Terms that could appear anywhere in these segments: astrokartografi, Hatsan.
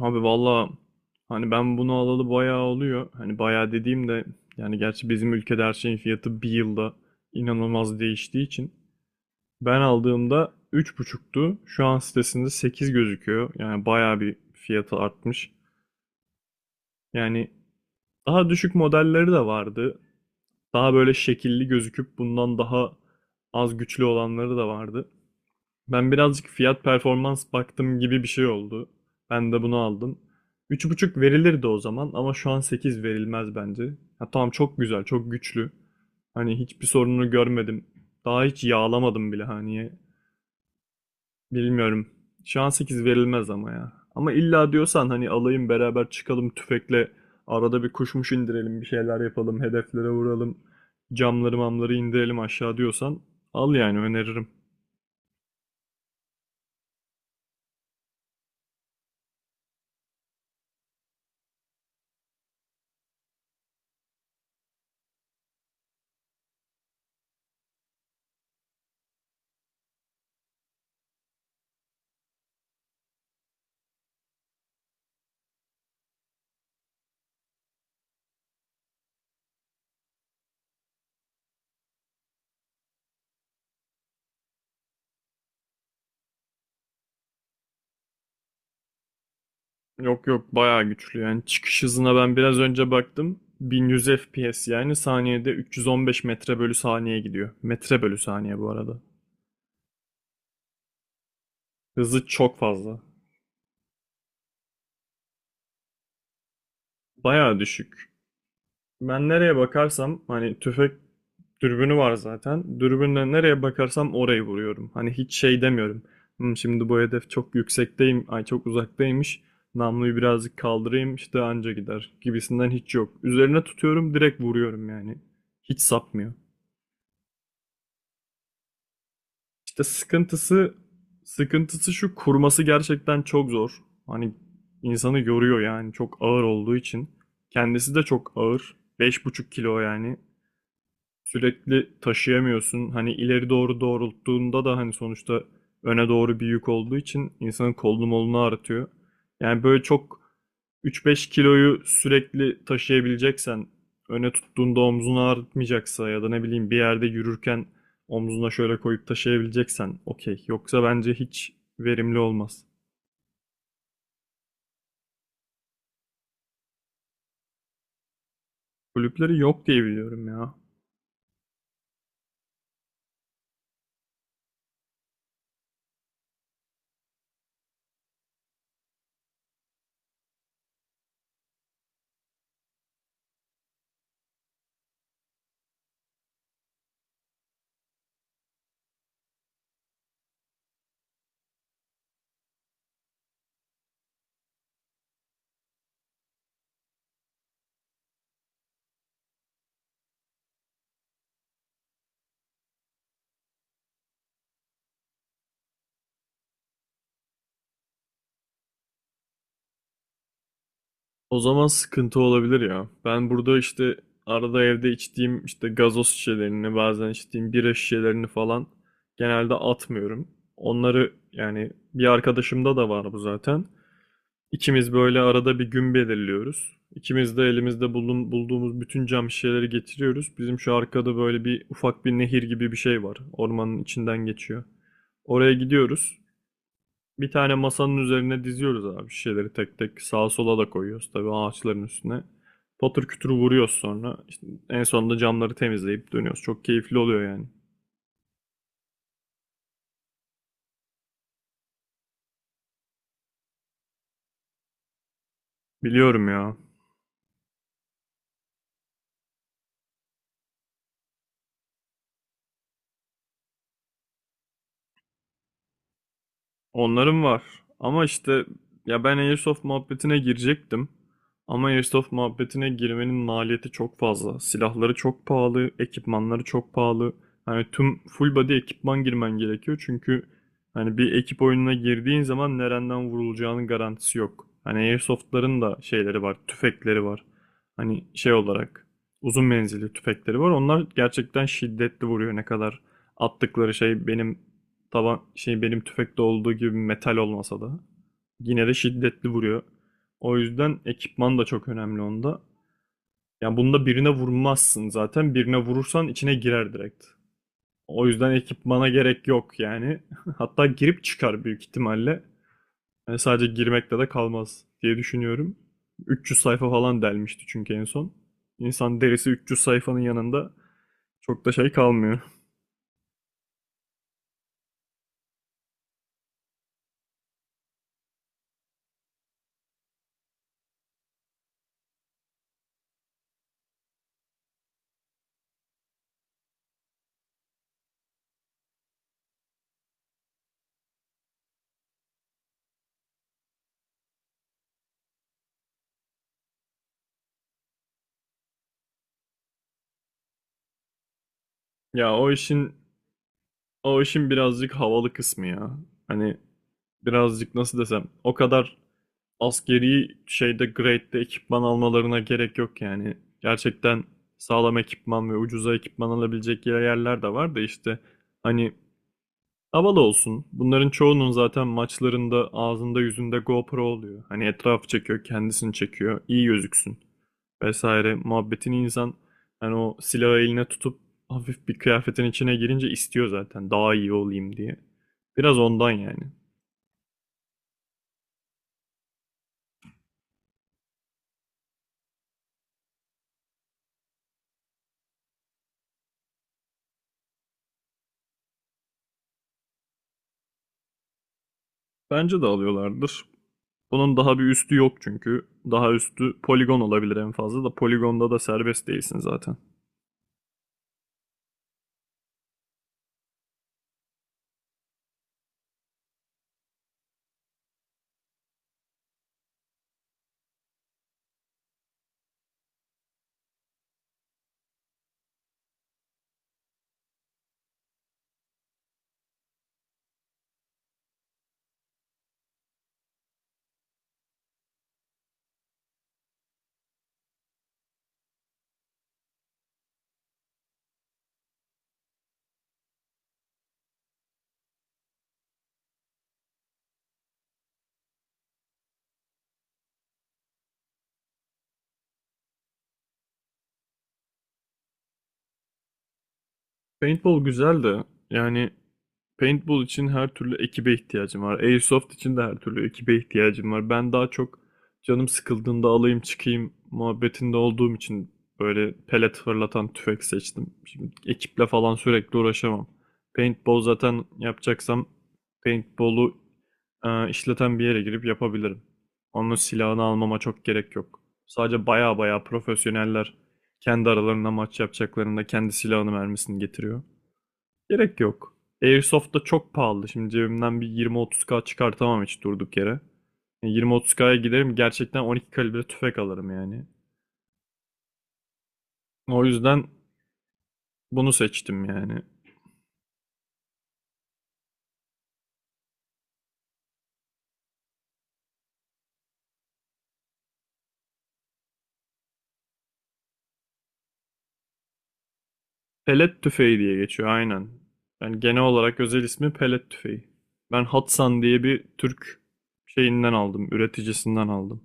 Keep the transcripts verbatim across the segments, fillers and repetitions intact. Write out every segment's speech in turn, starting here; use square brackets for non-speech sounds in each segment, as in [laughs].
Abi valla hani ben bunu alalı bayağı oluyor. Hani bayağı dediğim de yani gerçi bizim ülkede her şeyin fiyatı bir yılda inanılmaz değiştiği için ben aldığımda üç buçuktu. Şu an sitesinde sekiz gözüküyor. Yani bayağı bir fiyatı artmış. Yani daha düşük modelleri de vardı. Daha böyle şekilli gözüküp bundan daha az güçlü olanları da vardı. Ben birazcık fiyat performans baktım gibi bir şey oldu. Ben de bunu aldım. Üç buçuk verilirdi o zaman ama şu an sekiz verilmez bence. Ha, tamam, çok güzel, çok güçlü. Hani hiçbir sorununu görmedim. Daha hiç yağlamadım bile hani. Bilmiyorum. Şu an sekiz verilmez ama ya. Ama illa diyorsan hani alayım beraber çıkalım tüfekle arada bir kuşmuş indirelim, bir şeyler yapalım, hedeflere vuralım. Camları mamları indirelim aşağı diyorsan al yani öneririm. Yok yok, bayağı güçlü yani. Çıkış hızına ben biraz önce baktım. bin yüz F P S, yani saniyede üç yüz on beş metre bölü saniye gidiyor. Metre bölü saniye bu arada. Hızı çok fazla. Bayağı düşük. Ben nereye bakarsam hani tüfek dürbünü var zaten. Dürbünle nereye bakarsam orayı vuruyorum. Hani hiç şey demiyorum. "Hmm, şimdi bu hedef çok yüksekteyim. Ay çok uzaktaymış. Namluyu birazcık kaldırayım işte anca gider" gibisinden hiç yok. Üzerine tutuyorum, direkt vuruyorum yani. Hiç sapmıyor. İşte sıkıntısı sıkıntısı şu, kurması gerçekten çok zor. Hani insanı yoruyor yani çok ağır olduğu için. Kendisi de çok ağır. Beş buçuk kilo yani, sürekli taşıyamıyorsun. Hani ileri doğru doğrulttuğunda da hani sonuçta öne doğru bir yük olduğu için insanın kolunu molunu ağrıtıyor. Yani böyle çok üç beş kiloyu sürekli taşıyabileceksen, öne tuttuğunda omzunu ağrıtmayacaksa ya da ne bileyim bir yerde yürürken omzuna şöyle koyup taşıyabileceksen okey. Yoksa bence hiç verimli olmaz. Kulüpleri yok diye biliyorum ya. O zaman sıkıntı olabilir ya. Ben burada işte arada evde içtiğim işte gazoz şişelerini, bazen içtiğim bira şişelerini falan genelde atmıyorum. Onları yani, bir arkadaşımda da var bu zaten. İkimiz böyle arada bir gün belirliyoruz. İkimiz de elimizde bulun, bulduğumuz bütün cam şişeleri getiriyoruz. Bizim şu arkada böyle bir ufak bir nehir gibi bir şey var. Ormanın içinden geçiyor. Oraya gidiyoruz. Bir tane masanın üzerine diziyoruz abi şişeleri, tek tek sağa sola da koyuyoruz tabii ağaçların üstüne. Patır kütür vuruyoruz sonra. İşte en sonunda camları temizleyip dönüyoruz. Çok keyifli oluyor yani. Biliyorum ya. Onların var. Ama işte ya, ben Airsoft muhabbetine girecektim. Ama Airsoft muhabbetine girmenin maliyeti çok fazla. Silahları çok pahalı, ekipmanları çok pahalı. Hani tüm full body ekipman girmen gerekiyor. Çünkü hani bir ekip oyununa girdiğin zaman nereden vurulacağının garantisi yok. Hani Airsoft'ların da şeyleri var, tüfekleri var. Hani şey olarak uzun menzilli tüfekleri var. Onlar gerçekten şiddetli vuruyor. Ne kadar attıkları şey benim, taban şey, benim tüfekte olduğu gibi metal olmasa da yine de şiddetli vuruyor. O yüzden ekipman da çok önemli onda. Yani bunda birine vurmazsın zaten. Birine vurursan içine girer direkt. O yüzden ekipmana gerek yok yani. [laughs] Hatta girip çıkar büyük ihtimalle. Yani sadece girmekte de kalmaz diye düşünüyorum. üç yüz sayfa falan delmişti çünkü en son. İnsan derisi üç yüz sayfanın yanında çok da şey kalmıyor. [laughs] Ya o işin o işin birazcık havalı kısmı ya. Hani birazcık nasıl desem, o kadar askeri şeyde, grade'de ekipman almalarına gerek yok yani. Gerçekten sağlam ekipman ve ucuza ekipman alabilecek yerler de var da işte hani, havalı olsun. Bunların çoğunun zaten maçlarında ağzında yüzünde GoPro oluyor. Hani etrafı çekiyor, kendisini çekiyor, iyi gözüksün vesaire. Muhabbetini insan hani o silahı eline tutup hafif bir kıyafetin içine girince istiyor zaten, daha iyi olayım diye. Biraz ondan yani. Bence de alıyorlardır. Bunun daha bir üstü yok çünkü. Daha üstü poligon olabilir en fazla, da poligonda da serbest değilsin zaten. Paintball güzel de yani, paintball için her türlü ekibe ihtiyacım var. Airsoft için de her türlü ekibe ihtiyacım var. Ben daha çok canım sıkıldığında alayım çıkayım muhabbetinde olduğum için böyle pelet fırlatan tüfek seçtim. Şimdi ekiple falan sürekli uğraşamam. Paintball zaten yapacaksam paintball'u e, işleten bir yere girip yapabilirim. Onun silahını almama çok gerek yok. Sadece baya baya profesyoneller kendi aralarında maç yapacaklarında kendi silahını mermisini getiriyor. Gerek yok. Airsoft da çok pahalı. Şimdi cebimden bir yirmi-otuz K çıkartamam hiç durduk yere. Yani yirmi-30K'ya giderim gerçekten on iki kalibre tüfek alırım yani. O yüzden bunu seçtim yani. Pelet tüfeği diye geçiyor aynen. Yani genel olarak özel ismi pelet tüfeği. Ben Hatsan diye bir Türk şeyinden aldım, üreticisinden aldım.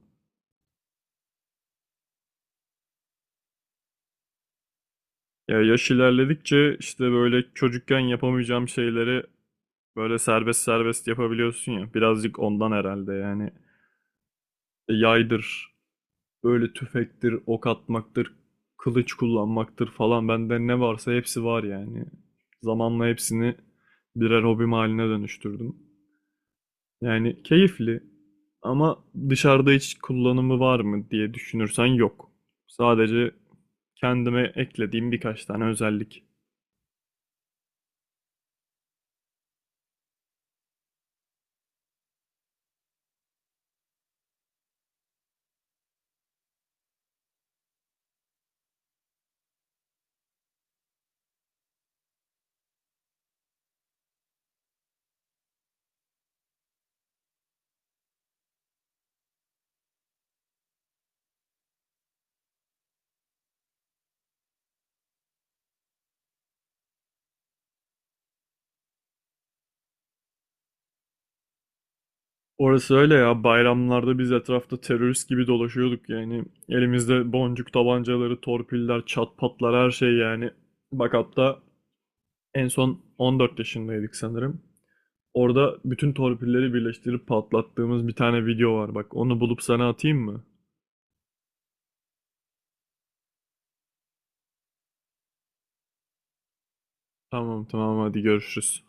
Ya, yaş ilerledikçe işte böyle çocukken yapamayacağım şeyleri böyle serbest serbest yapabiliyorsun ya. Birazcık ondan herhalde yani. E, Yaydır, böyle tüfektir, ok atmaktır, kılıç kullanmaktır falan. Bende ne varsa hepsi var yani. Zamanla hepsini birer hobim haline dönüştürdüm. Yani keyifli, ama dışarıda hiç kullanımı var mı diye düşünürsen yok. Sadece kendime eklediğim birkaç tane özellik. Orası öyle ya. Bayramlarda biz etrafta terörist gibi dolaşıyorduk yani. Elimizde boncuk tabancaları, torpiller, çat patlar, her şey yani. Bak hatta en son on dört yaşındaydık sanırım. Orada bütün torpilleri birleştirip patlattığımız bir tane video var. Bak onu bulup sana atayım mı? Tamam tamam, hadi görüşürüz.